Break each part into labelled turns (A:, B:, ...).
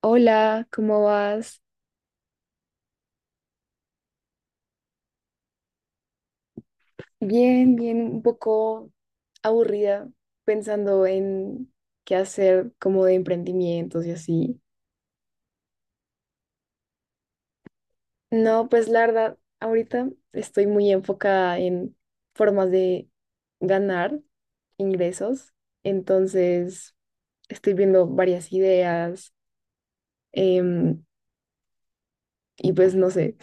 A: Hola, ¿cómo vas? Bien, bien, un poco aburrida pensando en qué hacer como de emprendimientos y así. No, pues la verdad, ahorita estoy muy enfocada en formas de ganar ingresos, entonces estoy viendo varias ideas, em, y pues no sé.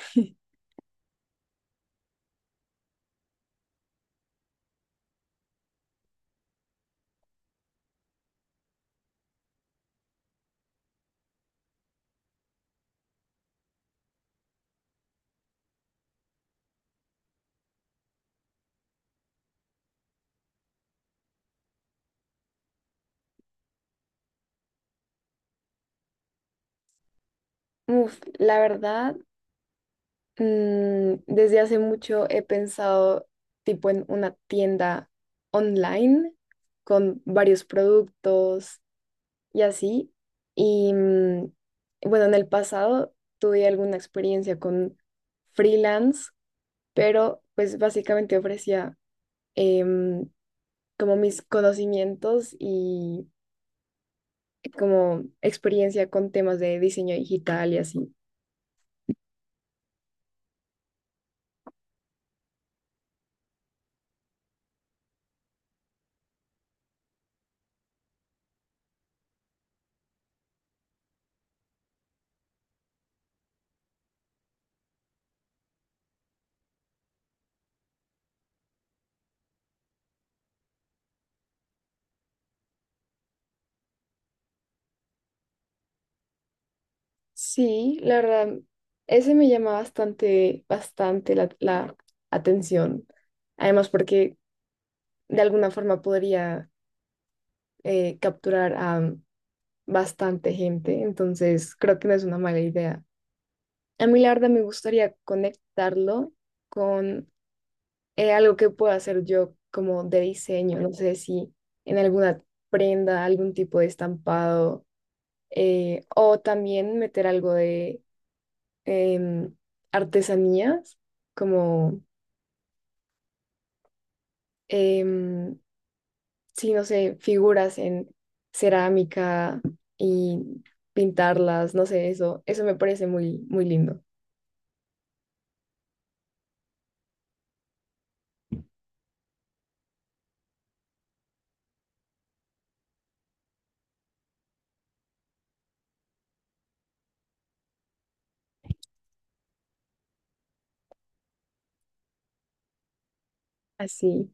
A: Uf, la verdad. Desde hace mucho he pensado tipo en una tienda online con varios productos y así. Y bueno, en el pasado tuve alguna experiencia con freelance, pero pues básicamente ofrecía, em, como mis conocimientos y como experiencia con temas de diseño digital y así. Sí, la verdad, ese me llama bastante, bastante la atención. Además, porque de alguna forma podría, capturar a bastante gente, entonces creo que no es una mala idea. A mí, la verdad, me gustaría conectarlo con, algo que pueda hacer yo como de diseño, no sé si en alguna prenda, algún tipo de estampado, o también meter algo, em, artesanías, como, em, sí, no sé, figuras en cerámica y pintarlas, no sé, eso me parece muy, muy lindo. Así,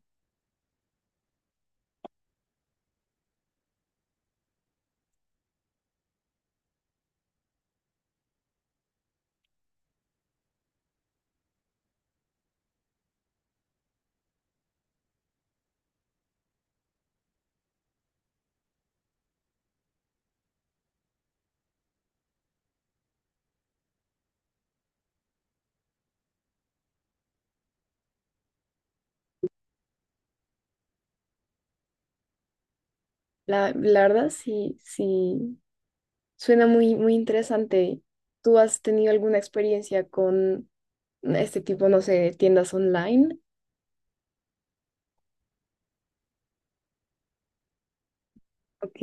A: la verdad sí, sí, suena muy, muy interesante. ¿Tú has tenido alguna experiencia con este tipo, no sé, de tiendas online? Ok.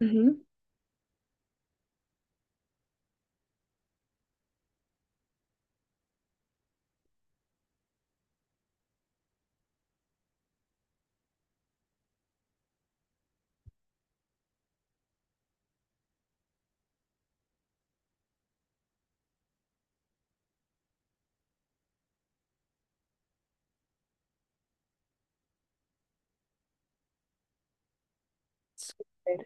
A: Ujú. Súper.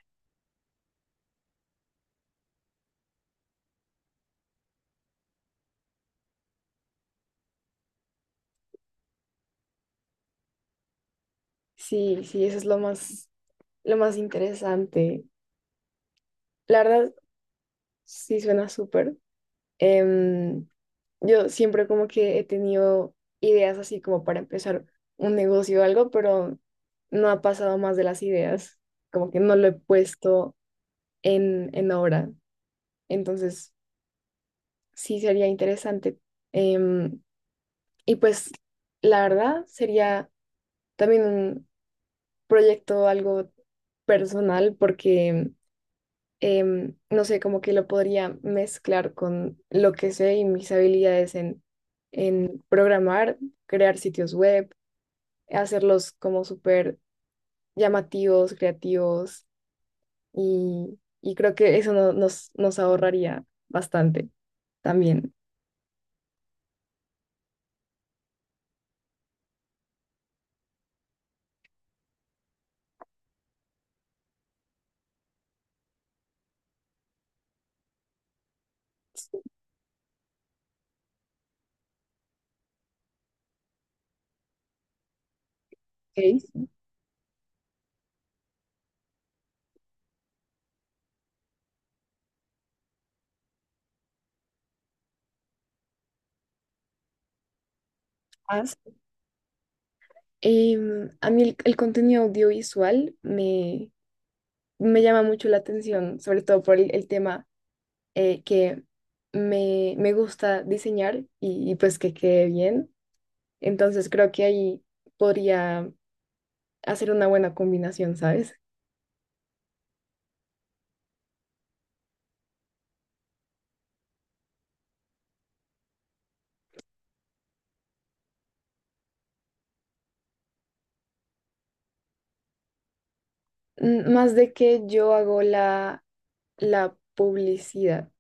A: Sí, sí, eso es lo más interesante. La verdad, sí, suena súper. Em, yo siempre como que he tenido ideas así como para empezar un negocio o algo, pero no ha pasado más de las ideas, como que no lo he puesto en obra. Entonces, sí sería interesante. Em, y pues, la verdad, sería también un proyecto algo personal porque, no sé, como que lo podría mezclar con lo que sé y mis habilidades en programar, crear sitios web, hacerlos como súper llamativos, creativos y creo que eso nos ahorraría bastante también. Ok. Más. A mí el contenido audiovisual me llama mucho la atención, sobre todo por el tema, que me gusta diseñar y pues que quede bien. Entonces creo que ahí podría hacer una buena combinación, ¿sabes? Más de que yo hago la publicidad.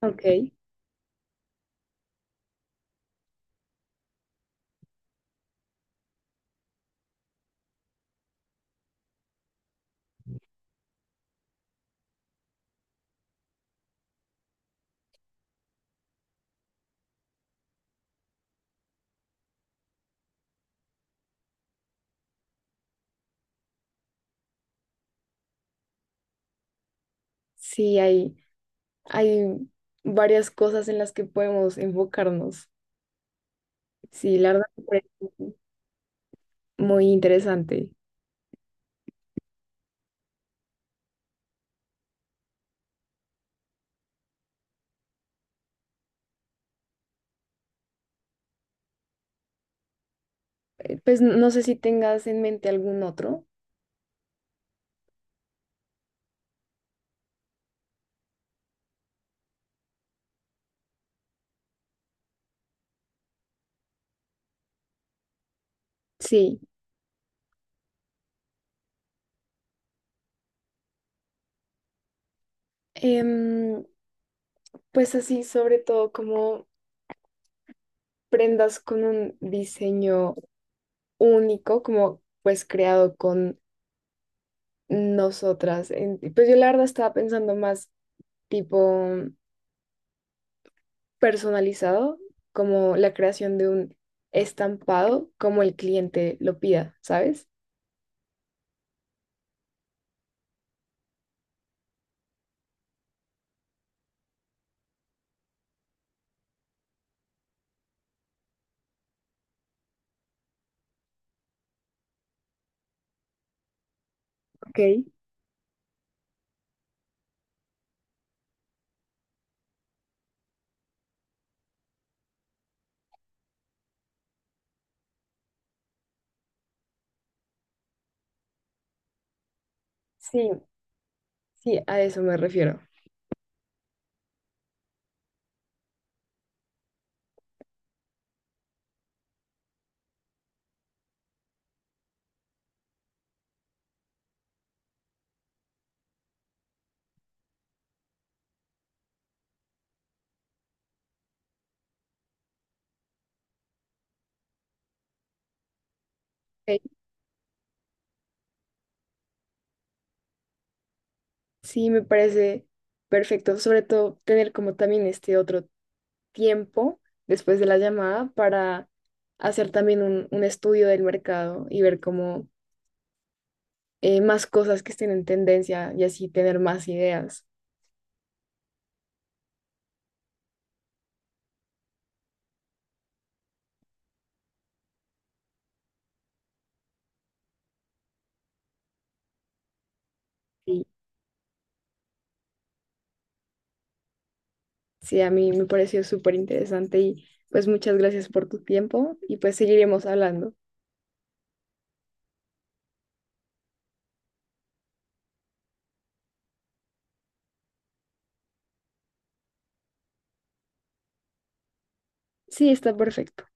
A: Ok. Sí, hay varias cosas en las que podemos enfocarnos. Sí, la verdad me parece muy interesante. Pues no sé si tengas en mente algún otro. Sí. Em, pues así, sobre todo como prendas con un diseño único, como pues creado con nosotras. Pues yo la verdad estaba pensando más tipo personalizado, como la creación de un estampado, como el cliente lo pida, ¿sabes? Ok. Sí, sí, a eso me refiero. Ok. Sí, me parece perfecto, sobre todo tener como también este otro tiempo después de la llamada para hacer también un estudio del mercado y ver cómo, más cosas que estén en tendencia y así tener más ideas. Y sí, a mí me pareció súper interesante y pues muchas gracias por tu tiempo y pues seguiremos hablando. Sí, está perfecto.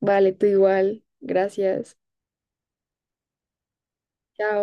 A: Vale, tú igual. Gracias. Chao.